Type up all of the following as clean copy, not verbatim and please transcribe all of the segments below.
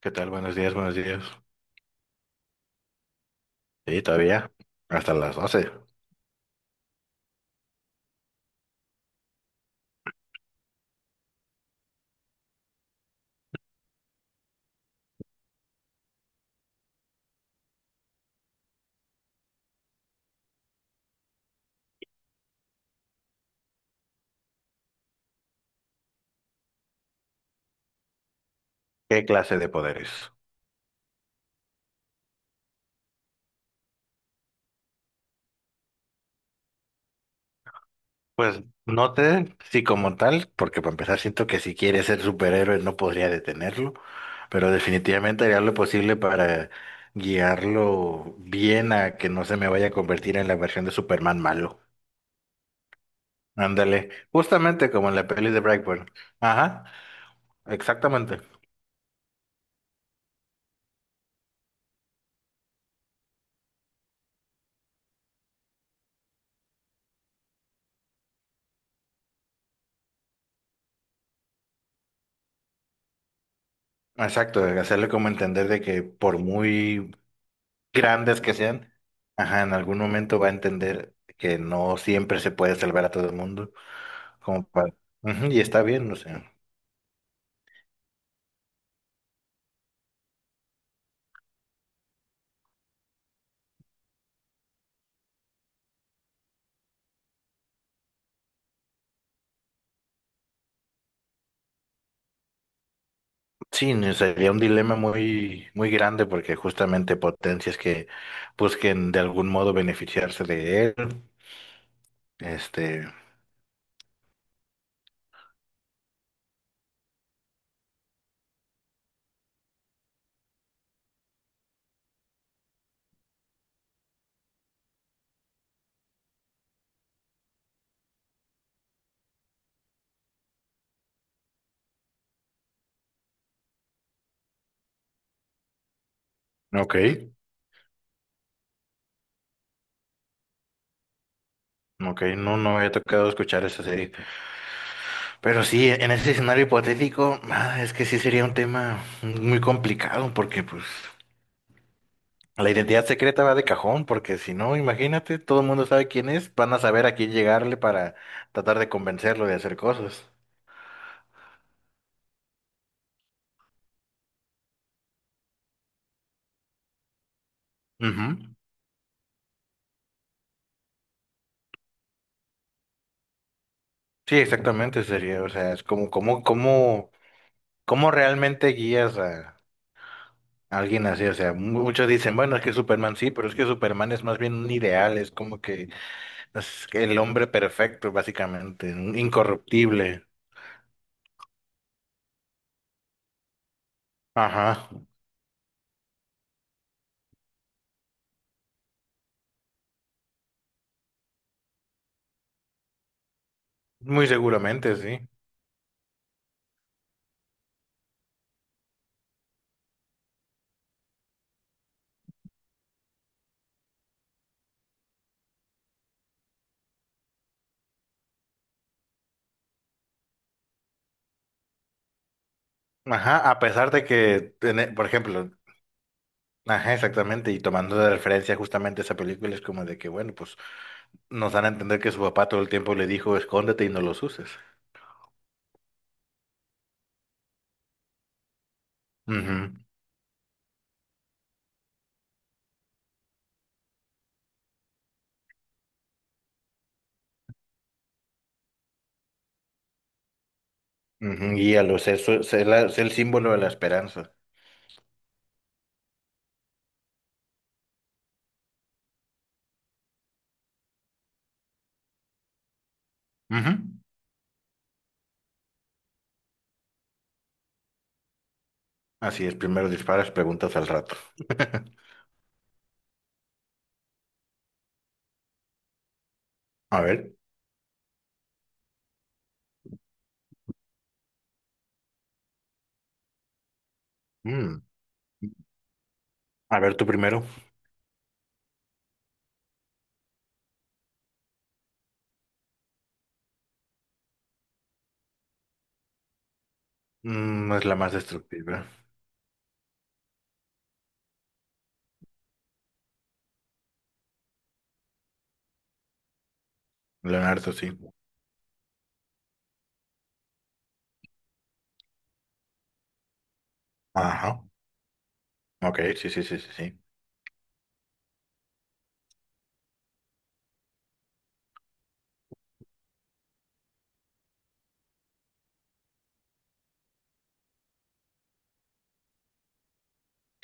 ¿Qué tal? Buenos días, buenos días. Sí, todavía. Hasta las 12. ¿Qué clase de poderes? Pues no te, sí como tal, porque para empezar siento que si quiere ser superhéroe no podría detenerlo, pero definitivamente haría lo posible para guiarlo bien a que no se me vaya a convertir en la versión de Superman malo. Ándale, justamente como en la peli de Brightburn. Ajá, exactamente. Exacto, hacerle como entender de que por muy grandes que sean, ajá, en algún momento va a entender que no siempre se puede salvar a todo el mundo, como para- ujú, y está bien, o sea, sí, no, sería un dilema muy grande porque justamente potencias que busquen de algún modo beneficiarse de él, este, ok, ok, no, no había tocado escuchar esa serie, pero sí, en ese escenario hipotético, ah, es que sí sería un tema muy complicado porque pues... La identidad secreta va de cajón, porque si no, imagínate, todo el mundo sabe quién es, van a saber a quién llegarle para tratar de convencerlo de hacer cosas. Ujú. Sí, exactamente sería, o sea, es como, como, como, cómo realmente guías a alguien así, o sea, muchos dicen, bueno, es que Superman sí, pero es que Superman es más bien un ideal, es como que es el hombre perfecto, básicamente, un incorruptible. Ajá, muy seguramente, sí. Ajá, a pesar de que, por ejemplo, ajá, exactamente, y tomando de referencia justamente esa película es como de que, bueno, pues nos dan a entender que su papá todo el tiempo le dijo, escóndete y no los uses. Ujú, ujú, guíalos, es el símbolo de la esperanza. Ujú. Así es, primero disparas, preguntas al rato. A ver, mm, a ver tú primero. Mm, no es la más destructiva. Leonardo, sí. Ajá, ok, sí, sí, sí, sí, sí.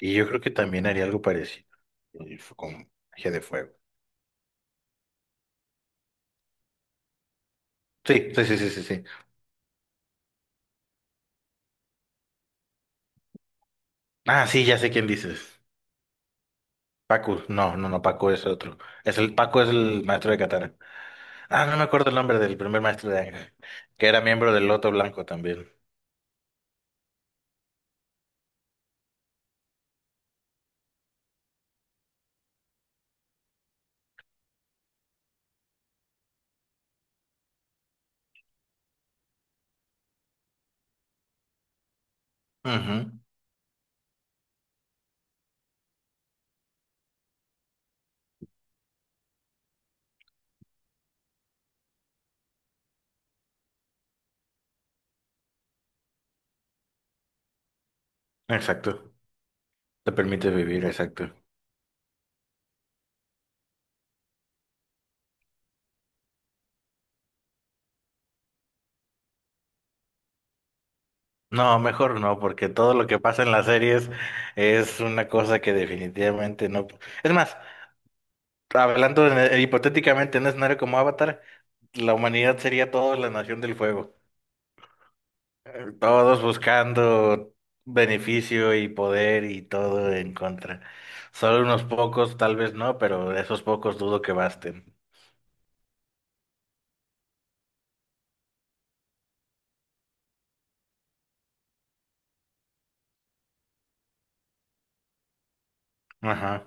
Y yo creo que también haría algo parecido, y fue con magia de fuego. Sí, sí, sí, sí, sí, sí. Ah, sí, ya sé quién dices. Pacu, no, no, no, Paco es otro. Paco es el maestro de Katara. Ah, no me acuerdo el nombre del primer maestro de Ángel, que era miembro del Loto Blanco también. Ujú, exacto. Te permite vivir, exacto. No, mejor no, porque todo lo que pasa en las series es una cosa que definitivamente no. Es más, hipotéticamente en un escenario como Avatar, la humanidad sería toda la nación del fuego. Todos buscando beneficio y poder y todo en contra. Solo unos pocos, tal vez no, pero esos pocos dudo que basten. Ajá,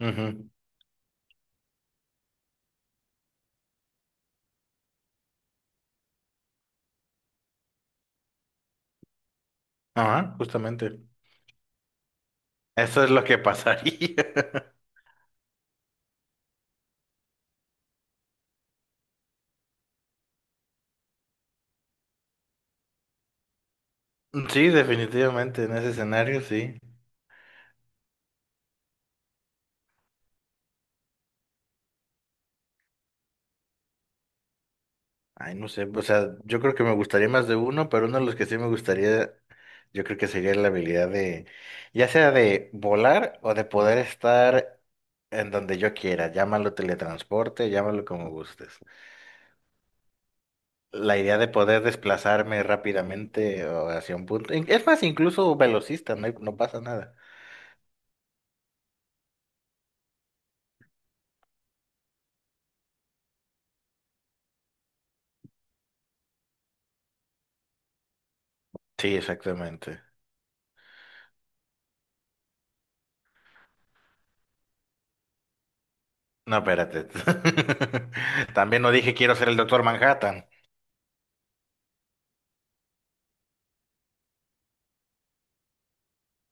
ujú, ajá, justamente. Eso es lo que pasaría. Sí, definitivamente, en ese escenario, sí. Ay, no sé, o sea, yo creo que me gustaría más de uno, pero uno de los que sí me gustaría, yo creo que sería la habilidad de, ya sea de volar o de poder estar en donde yo quiera, llámalo teletransporte, llámalo como gustes. La idea de poder desplazarme rápidamente o hacia un punto, es más, incluso velocista, no, no pasa nada. Sí, exactamente. No, espérate. También no dije quiero ser el doctor Manhattan.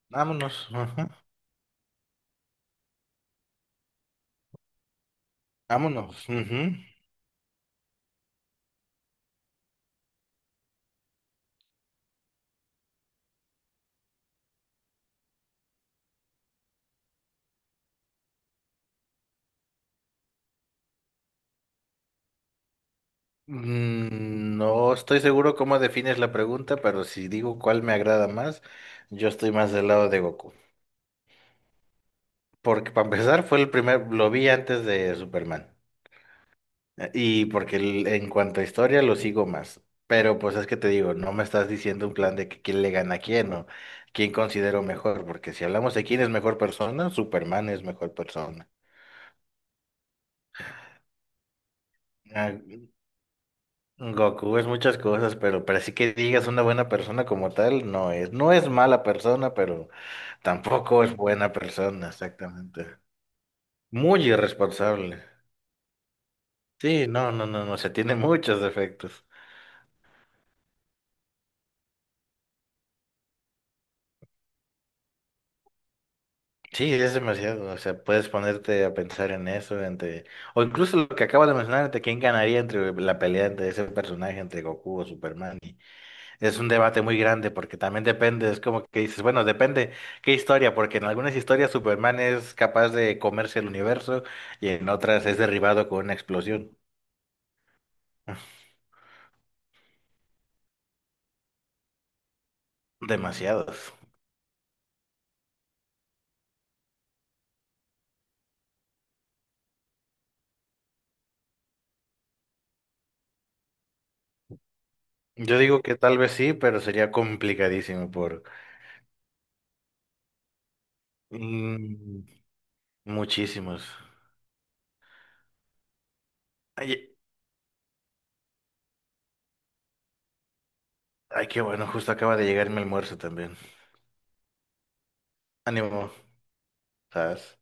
Vámonos, ajá, vámonos. Ujú. Mm, no estoy seguro cómo defines la pregunta, pero si digo cuál me agrada más, yo estoy más del lado de Goku. Porque para empezar fue el primer, lo vi antes de Superman. Y porque en cuanto a historia lo sigo más. Pero pues es que te digo, no me estás diciendo un plan de que quién le gana a quién o quién considero mejor. Porque si hablamos de quién es mejor persona, Superman es mejor persona. Ah, Goku es muchas cosas, pero así que digas una buena persona como tal, no es. No es mala persona, pero tampoco es buena persona, exactamente. Muy irresponsable. Sí, no, no, no, no, se tiene muchos defectos. Sí, es demasiado. O sea, puedes ponerte a pensar en eso, entre... o incluso lo que acabas de mencionar, entre quién ganaría entre la pelea entre ese personaje, entre Goku o Superman. Es un debate muy grande porque también depende, es como que dices, bueno, depende qué historia, porque en algunas historias Superman es capaz de comerse el universo y en otras es derribado con una explosión. Demasiados. Yo digo que tal vez sí, pero sería complicadísimo por mm, muchísimos. Ay, ay, qué bueno, justo acaba de llegar mi almuerzo también. Ánimo, ¿sabes?